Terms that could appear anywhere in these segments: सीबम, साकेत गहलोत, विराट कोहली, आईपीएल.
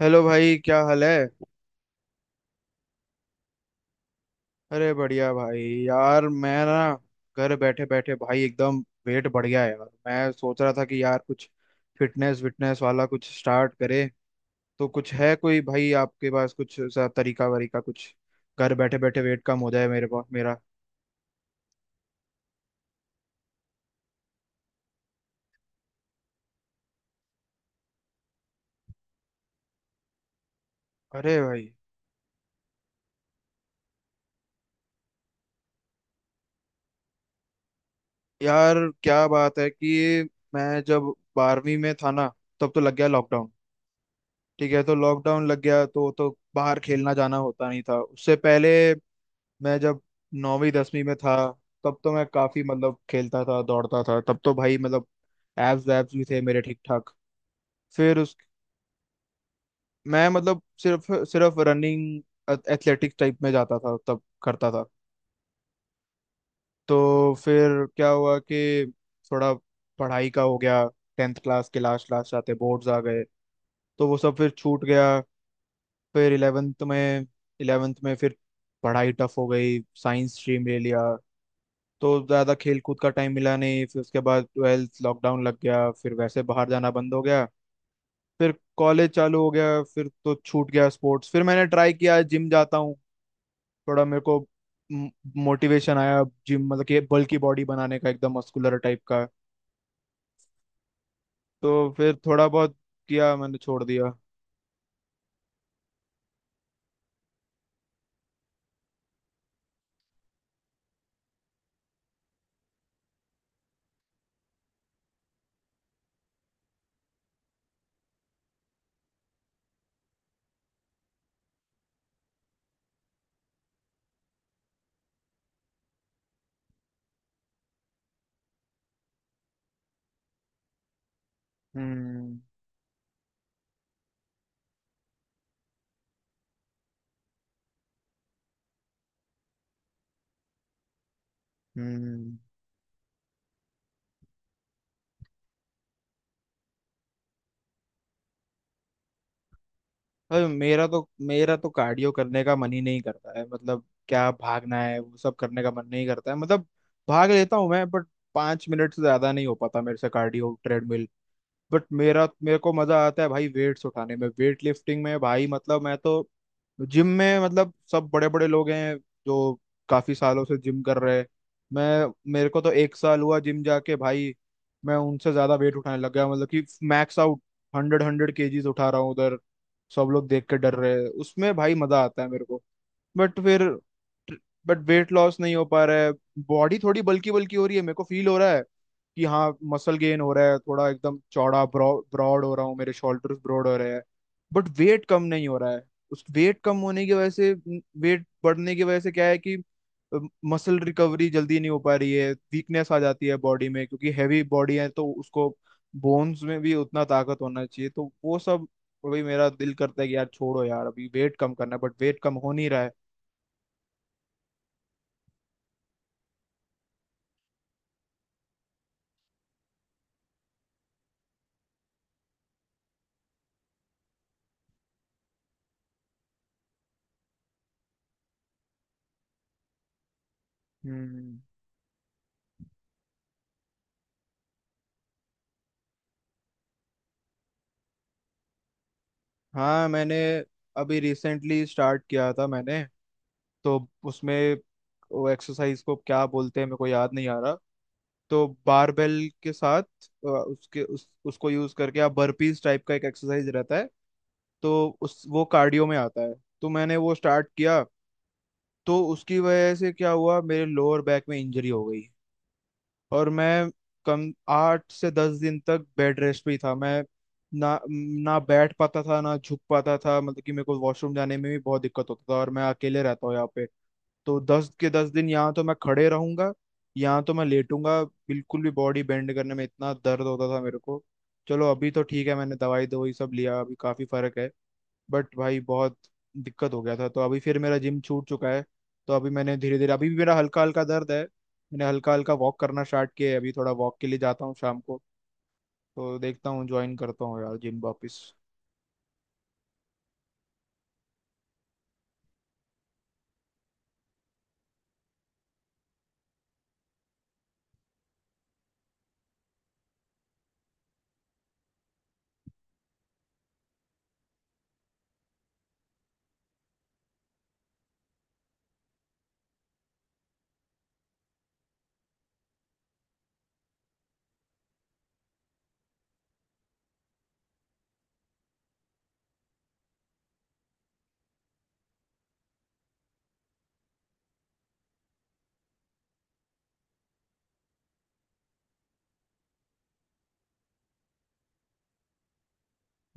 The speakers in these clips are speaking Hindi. हेलो भाई, क्या हाल है। अरे बढ़िया भाई। यार मैं ना, घर बैठे बैठे भाई एकदम वेट बढ़ गया है। यार मैं सोच रहा था कि यार कुछ फिटनेस विटनेस वाला कुछ स्टार्ट करे, तो कुछ है कोई भाई आपके पास कुछ ऐसा तरीका वरीका कुछ, घर बैठे बैठे वेट कम हो जाए। मेरे पास मेरा अरे भाई, यार क्या बात है कि मैं जब 12वीं में था ना, तब तो लग गया लॉकडाउन। ठीक है, तो लॉकडाउन लग गया तो बाहर खेलना जाना होता नहीं था। उससे पहले मैं जब नौवीं 10वीं में था, तब तो मैं काफी मतलब खेलता था, दौड़ता था। तब तो भाई मतलब एब्स एब्स भी थे मेरे ठीक ठाक। फिर उस मैं मतलब सिर्फ सिर्फ रनिंग एथलेटिक्स टाइप में जाता था, तब करता था। तो फिर क्या हुआ कि थोड़ा पढ़ाई का हो गया। टेंथ क्लास के लास्ट लास्ट आते बोर्ड्स आ गए, तो वो सब फिर छूट गया। फिर इलेवेंथ में, फिर पढ़ाई टफ हो गई, साइंस स्ट्रीम ले लिया, तो ज्यादा खेल कूद का टाइम मिला नहीं। फिर उसके बाद ट्वेल्थ, लॉकडाउन लग गया, फिर वैसे बाहर जाना बंद हो गया। फिर कॉलेज चालू हो गया, फिर तो छूट गया स्पोर्ट्स। फिर मैंने ट्राई किया जिम जाता हूँ, थोड़ा मेरे को मोटिवेशन आया जिम, मतलब कि बल्की बॉडी बनाने का, एकदम मस्कुलर टाइप का। तो फिर थोड़ा बहुत किया, मैंने छोड़ दिया। हम्म। हम्म। अरे मेरा तो कार्डियो करने का मन ही नहीं करता है, मतलब क्या भागना है वो सब करने का मन नहीं करता है। मतलब भाग लेता हूँ मैं, बट 5 मिनट से ज्यादा नहीं हो पाता मेरे से कार्डियो ट्रेडमिल। बट मेरा, मेरे को मजा आता है भाई वेट्स उठाने में, वेट लिफ्टिंग में भाई। मतलब मैं तो जिम में मतलब सब बड़े बड़े लोग हैं जो काफी सालों से जिम कर रहे हैं, मैं मेरे को तो एक साल हुआ जिम जाके भाई, मैं उनसे ज्यादा वेट उठाने लग गया। मतलब कि max out hundred hundred KGs उठा रहा हूँ उधर, सब लोग देख के डर रहे हैं उसमें। भाई मजा आता है मेरे को। बट फिर, बट वेट लॉस नहीं हो पा रहा है। बॉडी थोड़ी बल्की बल्की हो रही है, मेरे को फील हो रहा है कि हाँ, मसल गेन हो रहा है थोड़ा, एकदम चौड़ा ब्रॉड हो रहा हूँ, मेरे शोल्डर्स ब्रॉड हो रहे हैं, बट वेट कम नहीं हो रहा है। उस वेट कम होने की वजह से वेट बढ़ने की वजह से क्या है कि मसल रिकवरी जल्दी नहीं हो पा रही है, वीकनेस आ जाती है बॉडी में, क्योंकि हैवी बॉडी है तो उसको बोन्स में भी उतना ताकत होना चाहिए, तो वो सब। अभी मेरा दिल करता है कि यार छोड़ो यार, अभी वेट कम करना है, बट वेट कम हो नहीं रहा है। हम्म। हाँ, मैंने अभी रिसेंटली स्टार्ट किया था मैंने, तो उसमें वो एक्सरसाइज को क्या बोलते हैं मेरे को याद नहीं आ रहा। तो बारबेल के साथ अ, उसके उस उसको यूज करके आप बर्पीज टाइप का एक एक्सरसाइज रहता है, तो उस वो कार्डियो में आता है। तो मैंने वो स्टार्ट किया, तो उसकी वजह से क्या हुआ मेरे लोअर बैक में इंजरी हो गई, और मैं कम 8 से 10 दिन तक बेड रेस्ट पे ही था मैं। ना ना बैठ पाता था, ना झुक पाता था, मतलब कि मेरे को वॉशरूम जाने में भी बहुत दिक्कत होता था, और मैं अकेले रहता हूँ यहाँ पे, तो 10 के 10 दिन यहाँ तो मैं खड़े रहूंगा, यहाँ तो मैं लेटूंगा, बिल्कुल भी बॉडी बेंड करने में इतना दर्द होता था मेरे को। चलो अभी तो ठीक है, मैंने दवाई दवाई सब लिया, अभी काफी फर्क है। बट भाई बहुत दिक्कत हो गया था, तो अभी फिर मेरा जिम छूट चुका है। तो अभी मैंने धीरे धीरे, अभी भी मेरा हल्का हल्का दर्द है, मैंने हल्का हल्का वॉक करना स्टार्ट किया है अभी, थोड़ा वॉक के लिए जाता हूँ शाम को। तो देखता हूँ ज्वाइन करता हूँ यार जिम वापस।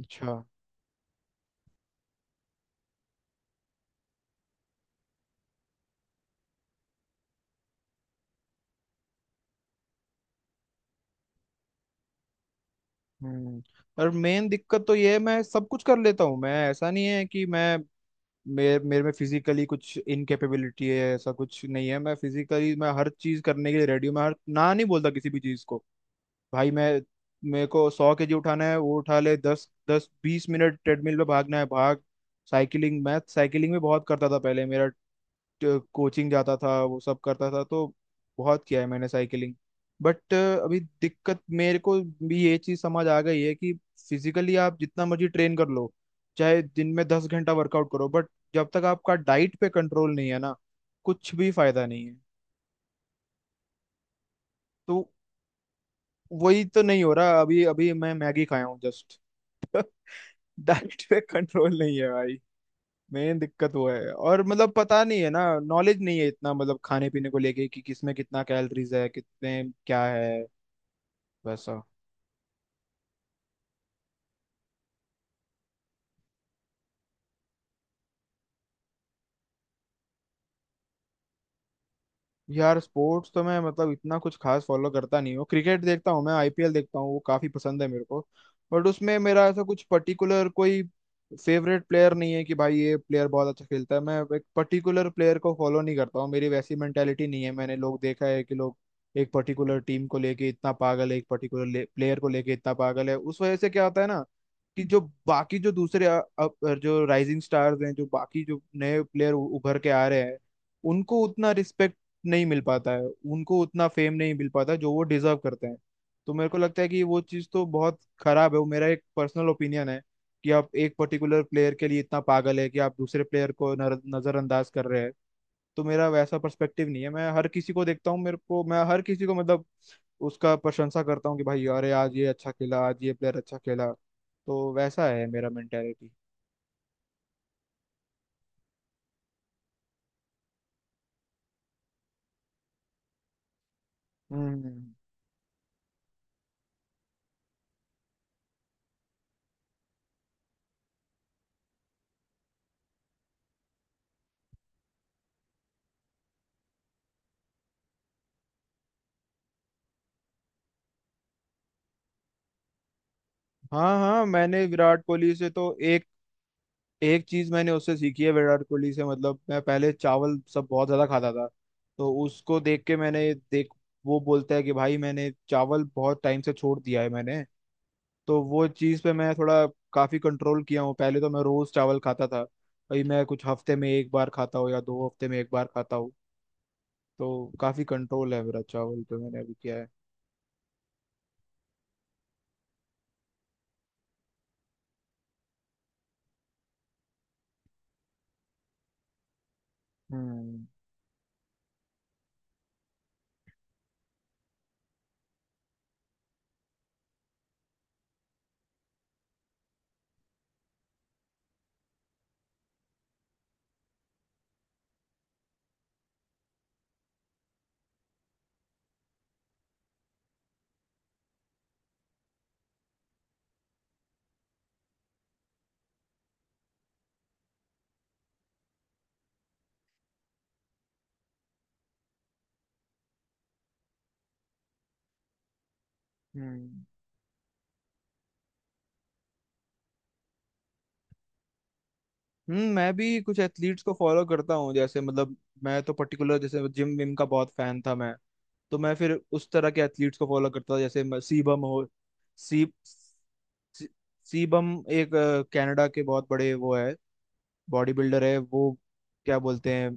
अच्छा। हम्म। और मेन दिक्कत तो ये है मैं सब कुछ कर लेता हूँ, मैं ऐसा नहीं है कि मैं, मेरे मेरे में फिजिकली कुछ इनकेपेबिलिटी है ऐसा कुछ नहीं है। मैं फिजिकली मैं हर चीज करने के लिए रेडी हूँ, मैं हर ना नहीं बोलता किसी भी चीज को। भाई मैं, मेरे को 100 केजी उठाना है वो उठा ले, दस दस बीस मिनट ट्रेडमिल पे भागना है भाग। साइकिलिंग, मैं साइकिलिंग भी बहुत करता था पहले, मेरा कोचिंग जाता था वो सब करता था, तो बहुत किया है मैंने साइकिलिंग। बट अभी दिक्कत मेरे को भी ये चीज़ समझ आ गई है कि फिजिकली आप जितना मर्जी ट्रेन कर लो, चाहे दिन में 10 घंटा वर्कआउट करो, बट जब तक आपका डाइट पे कंट्रोल नहीं है ना, कुछ भी फायदा नहीं है। तो वही तो नहीं हो रहा अभी, अभी मैं मैगी खाया हूँ जस्ट, डाइट पे कंट्रोल नहीं है भाई, मेन दिक्कत वो है। और मतलब पता नहीं है ना, नॉलेज नहीं है इतना मतलब खाने पीने को लेके कि किसमें कितना कैलोरीज है, कितने क्या है। वैसा, यार स्पोर्ट्स तो मैं मतलब इतना कुछ खास फॉलो करता नहीं हूँ, क्रिकेट देखता हूँ मैं, आईपीएल देखता हूँ, वो काफी पसंद है मेरे को। बट उसमें मेरा ऐसा कुछ पर्टिकुलर कोई फेवरेट प्लेयर नहीं है कि भाई ये प्लेयर बहुत अच्छा खेलता है। मैं एक पर्टिकुलर प्लेयर को फॉलो नहीं करता हूँ, मेरी वैसी मेंटेलिटी नहीं है। मैंने लोग देखा है कि लोग एक पर्टिकुलर टीम को लेके इतना पागल है, एक पर्टिकुलर प्लेयर को लेके इतना पागल है। उस वजह से क्या होता है ना कि जो बाकी जो दूसरे जो राइजिंग स्टार्स हैं, जो बाकी जो नए प्लेयर उभर के आ रहे हैं, उनको उतना रिस्पेक्ट नहीं मिल पाता है, उनको उतना फेम नहीं मिल पाता जो वो डिजर्व करते हैं। तो मेरे को लगता है कि वो चीज़ तो बहुत खराब है, वो मेरा एक पर्सनल ओपिनियन है, कि आप एक पर्टिकुलर प्लेयर के लिए इतना पागल है कि आप दूसरे प्लेयर को नजरअंदाज कर रहे हैं। तो मेरा वैसा पर्सपेक्टिव नहीं है, मैं हर किसी को देखता हूँ, मेरे को, मैं हर किसी को मतलब उसका प्रशंसा करता हूँ कि भाई अरे आज ये अच्छा खेला, आज ये प्लेयर अच्छा खेला, तो वैसा है मेरा मेंटेलिटी। हम्म। हाँ हाँ, मैंने विराट कोहली से तो एक, एक चीज मैंने उससे सीखी है विराट कोहली से। मतलब मैं पहले चावल सब बहुत ज्यादा खाता था, तो उसको देख के, मैंने देख, वो बोलता है कि भाई मैंने चावल बहुत टाइम से छोड़ दिया है मैंने, तो वो चीज़ पे मैं थोड़ा काफ़ी कंट्रोल किया हूँ। पहले तो मैं रोज़ चावल खाता था, अभी मैं कुछ हफ्ते में एक बार खाता हूँ या 2 हफ्ते में एक बार खाता हूँ, तो काफ़ी कंट्रोल है मेरा चावल पे, मैंने अभी किया है। हम्म। हम्म। हम्म, मैं भी कुछ एथलीट्स को फॉलो करता हूँ, जैसे मतलब मैं तो पर्टिकुलर जैसे जिम विम का बहुत फैन था मैं, तो मैं फिर उस तरह के एथलीट्स को फॉलो करता था जैसे म- सीबम हो। सी सी- सीबम एक कनाडा के बहुत बड़े वो है, बॉडी बिल्डर है वो। क्या बोलते हैं,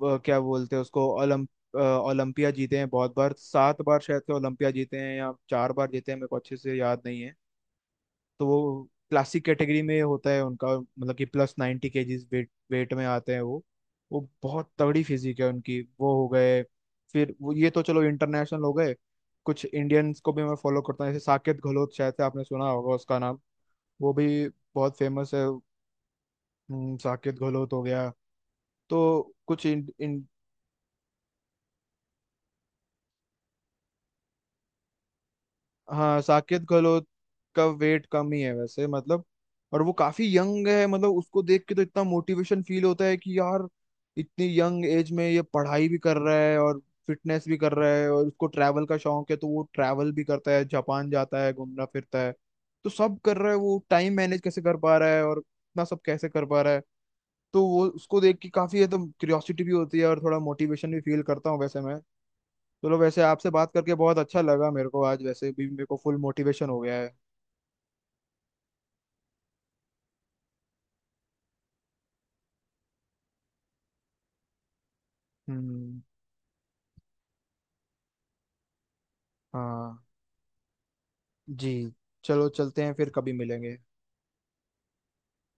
वो क्या बोलते हैं उसको, ओलंप ओलंपिया जीते हैं बहुत बार, 7 बार शायद से ओलंपिया जीते हैं या 4 बार जीते हैं, मेरे को अच्छे से याद नहीं है। तो वो क्लासिक कैटेगरी में होता है उनका, मतलब कि +90 केजीज वेट वेट में आते हैं वो बहुत तगड़ी फिजिक है उनकी, वो हो गए। फिर वो ये तो चलो इंटरनेशनल हो गए, कुछ इंडियंस को भी मैं फॉलो करता हूँ जैसे साकेत गहलोत, शायद से आपने सुना होगा उसका नाम, वो भी बहुत फेमस है। साकेत गहलोत हो गया, तो कुछ इन हाँ साकेत गहलोत का वेट कम ही है वैसे, मतलब, और वो काफी यंग है, मतलब उसको देख के तो इतना मोटिवेशन फील होता है कि यार इतनी यंग एज में ये पढ़ाई भी कर रहा है और फिटनेस भी कर रहा है, और उसको ट्रैवल का शौक है तो वो ट्रैवल भी करता है, जापान जाता है घूमना फिरता है। तो सब कर रहा है, वो टाइम मैनेज कैसे कर पा रहा है और इतना सब कैसे कर पा रहा है, तो वो उसको देख के काफी है तो क्यूरियोसिटी भी होती है और थोड़ा मोटिवेशन भी फील करता हूँ वैसे मैं। चलो वैसे आपसे बात करके बहुत अच्छा लगा मेरे को, आज वैसे भी मेरे को फुल मोटिवेशन हो गया है। हम्म। हाँ जी, चलो चलते हैं, फिर कभी मिलेंगे।